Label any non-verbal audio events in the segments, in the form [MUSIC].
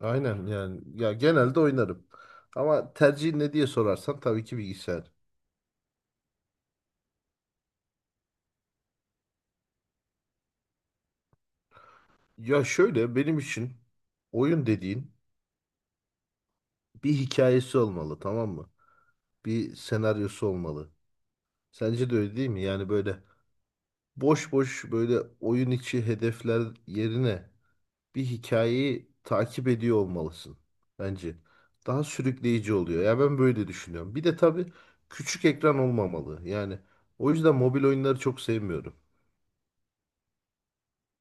Aynen yani ya genelde oynarım. Ama tercihin ne diye sorarsan tabii ki bilgisayar. Ya şöyle benim için oyun dediğin bir hikayesi olmalı, tamam mı? Bir senaryosu olmalı. Sence de öyle değil mi? Yani böyle boş boş böyle oyun içi hedefler yerine bir hikayeyi takip ediyor olmalısın bence. Daha sürükleyici oluyor. Ya ben böyle düşünüyorum. Bir de tabii küçük ekran olmamalı. Yani o yüzden mobil oyunları çok sevmiyorum.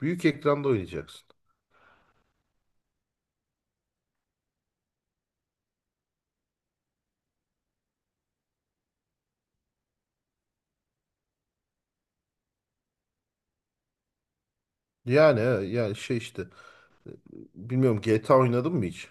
Büyük ekranda oynayacaksın. Yani he, yani e, bilmiyorum, GTA oynadın mı hiç?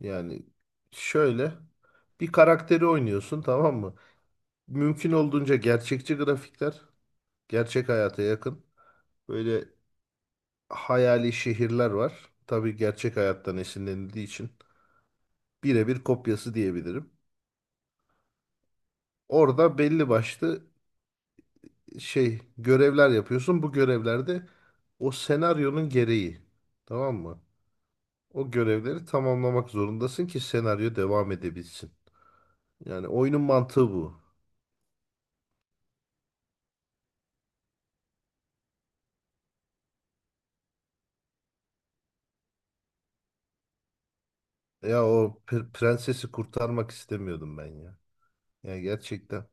Yani şöyle bir karakteri oynuyorsun, tamam mı? Mümkün olduğunca gerçekçi grafikler, gerçek hayata yakın. Böyle hayali şehirler var. Tabii gerçek hayattan esinlenildiği için birebir kopyası diyebilirim. Orada belli başlı şey görevler yapıyorsun. Bu görevlerde o senaryonun gereği, tamam mı? O görevleri tamamlamak zorundasın ki senaryo devam edebilsin. Yani oyunun mantığı bu. Ya o prensesi kurtarmak istemiyordum ben ya. Yani gerçekten.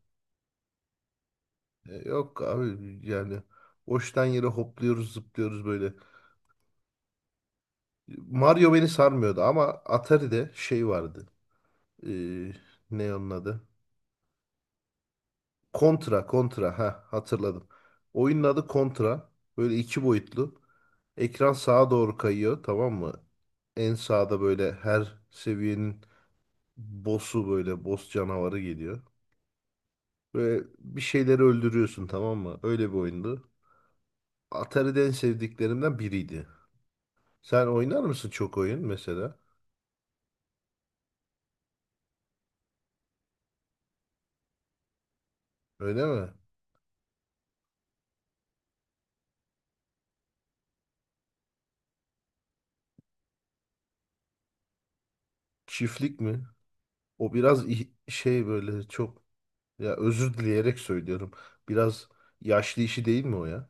E, yok abi, yani hoştan yere hopluyoruz, zıplıyoruz böyle. Mario beni sarmıyordu ama Atari'de şey vardı. E, ne onun adı? Contra, Contra. Ha, hatırladım. Oyunun adı Contra. Böyle iki boyutlu. Ekran sağa doğru kayıyor, tamam mı? En sağda böyle her seviyenin boss'u, böyle boss canavarı geliyor. Böyle bir şeyleri öldürüyorsun, tamam mı? Öyle bir oyundu. Atari'de en sevdiklerimden biriydi. Sen oynar mısın çok oyun mesela? Öyle mi? Çiftlik mi? O biraz şey, böyle çok, ya özür dileyerek söylüyorum. Biraz yaşlı işi değil mi o ya?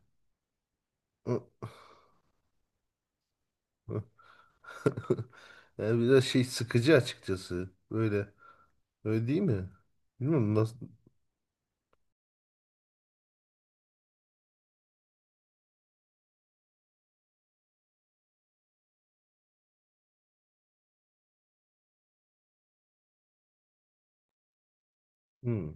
[LAUGHS] Yani biraz şey, sıkıcı açıkçası. Böyle. Öyle değil mi? Bilmiyorum nasıl. Hmm.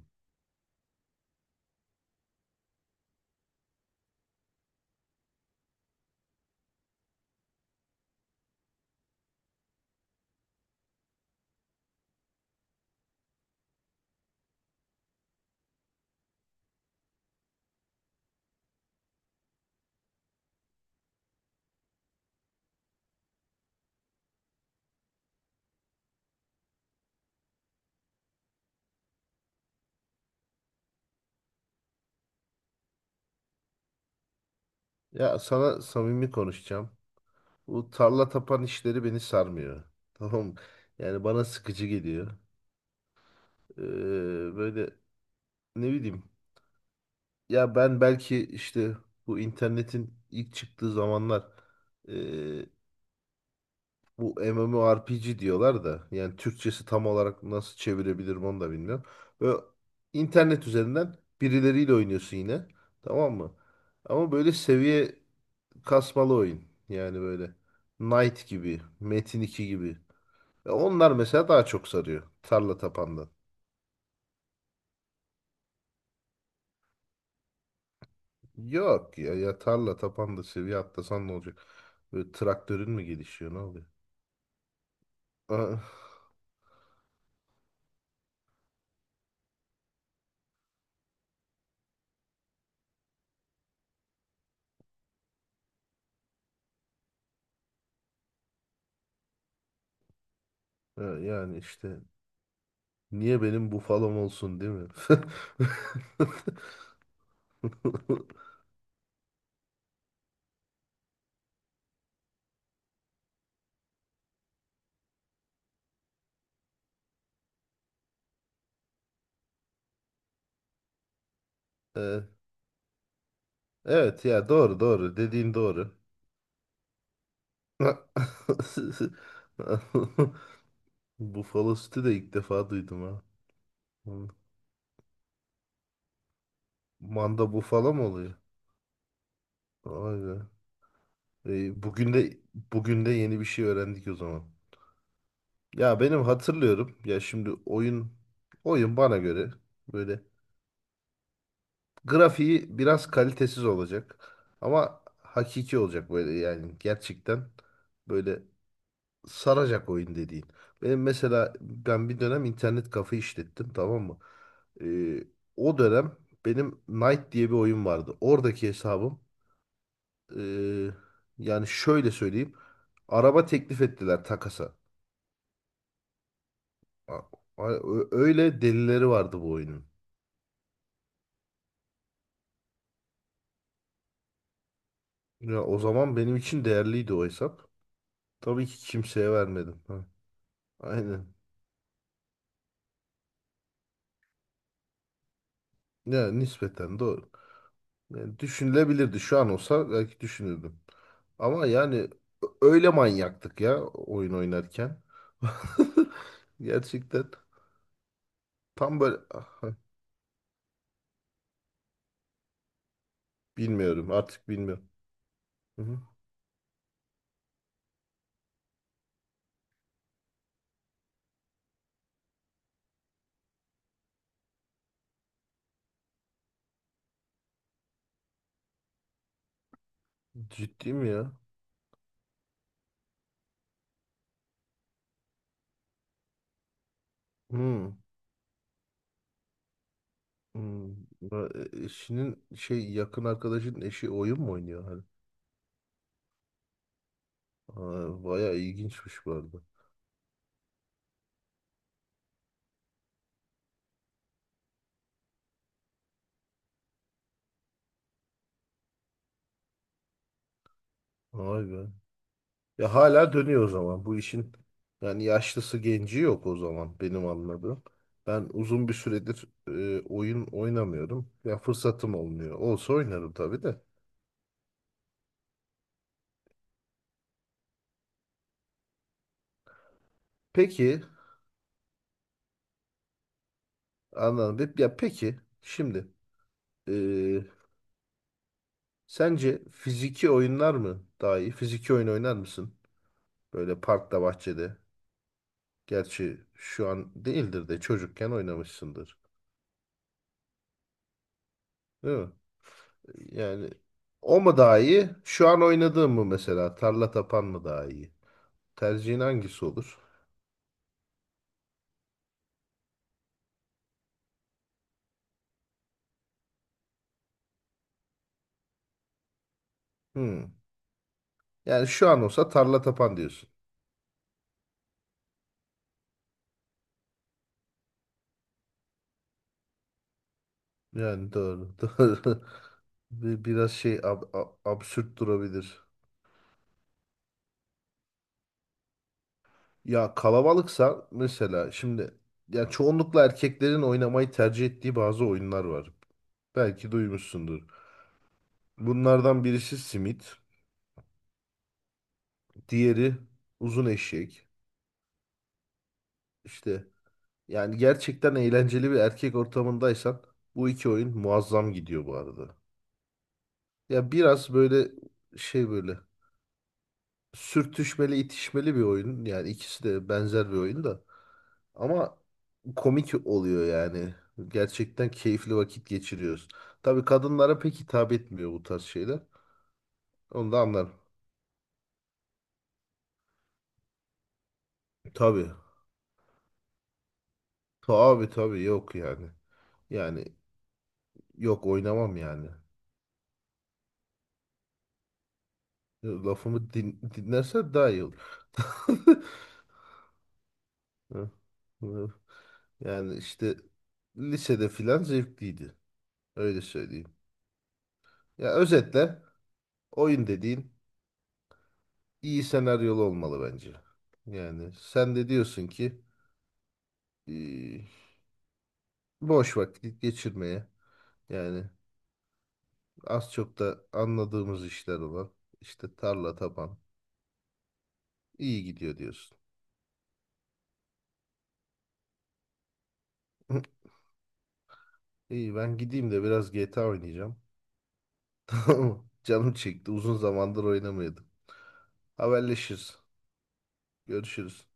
Ya sana samimi konuşacağım. Bu tarla tapan işleri beni sarmıyor. [LAUGHS] Tamam mı? Yani bana sıkıcı geliyor. Ee, Böyle, ne bileyim. Ya ben belki işte bu internetin ilk çıktığı zamanlar ee, bu MMORPG diyorlar da, yani Türkçesi tam olarak nasıl çevirebilirim onu da bilmiyorum. Böyle internet üzerinden birileriyle oynuyorsun yine. Tamam mı? Ama böyle seviye kasmalı oyun. Yani böyle Knight gibi, Metin 2 gibi. E, onlar mesela daha çok sarıyor. Tarla tapandan. Yok ya, ya tarla tapanda seviye atlasan ne olacak? Böyle traktörün mü gelişiyor, ne oluyor? [LAUGHS] Ah, e, yani işte niye benim bufalom olsun, değil mi? [LAUGHS] E, evet ya, doğru, doğru, dediğin doğru. [LAUGHS] Bufalo sütü de ilk defa duydum, ha. Manda bufalo mı oluyor? Vay be. E, bugün de bugün de yeni bir şey öğrendik o zaman. Ya benim hatırlıyorum ya, şimdi oyun bana göre böyle grafiği biraz kalitesiz olacak ama hakiki olacak, böyle yani gerçekten, böyle saracak oyun dediğin. Benim mesela ben bir dönem internet kafe işlettim, tamam mı? Ee, O dönem benim Knight diye bir oyun vardı. Oradaki hesabım, ee, yani şöyle söyleyeyim, araba teklif ettiler takasa. A- Öyle delileri vardı bu oyunun. Ya o zaman benim için değerliydi o hesap. Tabii ki kimseye vermedim. Ha, aynen. Ya nispeten doğru. Yani düşünülebilirdi. Şu an olsa belki düşünürdüm. Ama yani öyle manyaktık ya oyun oynarken. [LAUGHS] Gerçekten tam böyle. Ah, bilmiyorum artık, bilmiyorum. Hı hı. Ciddi mi ya? Hı. Hı. Ya, eşinin şey, yakın arkadaşın eşi oyun mu oynuyor? Hani? Aa, bayağı ilginçmiş bu arada. Vay be. Ya hala dönüyor o zaman. Bu işin yani yaşlısı genci yok o zaman benim anladığım. Ben uzun bir süredir oyun oynamıyorum. Ya fırsatım olmuyor. Olsa oynarım tabii de. Peki, anladım. Ya peki şimdi, e, sence fiziki oyunlar mı daha iyi? Fiziki oyun oynar mısın? Böyle parkta, bahçede. Gerçi şu an değildir de çocukken oynamışsındır. Değil mi? Yani o mu daha iyi? Şu an oynadığım mı mesela? Tarla tapan mı daha iyi? Tercihin hangisi olur? Hmm. Yani şu an olsa tarla tapan diyorsun. Yani doğru, [LAUGHS] doğru. Biraz şey, absürt durabilir. Ya kalabalıksa mesela, şimdi ya çoğunlukla erkeklerin oynamayı tercih ettiği bazı oyunlar var. Belki duymuşsundur. Bunlardan birisi simit, diğeri uzun eşek. İşte yani gerçekten eğlenceli bir erkek ortamındaysan bu iki oyun muazzam gidiyor bu arada. Ya biraz böyle şey, böyle sürtüşmeli, itişmeli bir oyun. Yani ikisi de benzer bir oyun da. Ama komik oluyor yani. Gerçekten keyifli vakit geçiriyoruz. Tabii kadınlara pek hitap etmiyor bu tarz şeyler. Onu da anlarım. Tabii. Tabii, tabii, yok yani. Yani yok, oynamam yani. Lafımı dinlerse daha iyi olur. [LAUGHS] Hı, hı. Yani işte lisede filan zevkliydi. Öyle söyleyeyim. Ya özetle oyun dediğin iyi senaryolu olmalı bence. Yani sen de diyorsun ki eee, boş vakit geçirmeye, yani az çok da anladığımız işler olan işte tarla taban iyi gidiyor diyorsun. [LAUGHS] İyi, ben gideyim de biraz GTA oynayacağım. [LAUGHS] Canım çekti, uzun zamandır oynamıyordum. Haberleşiriz. Görüşürüz.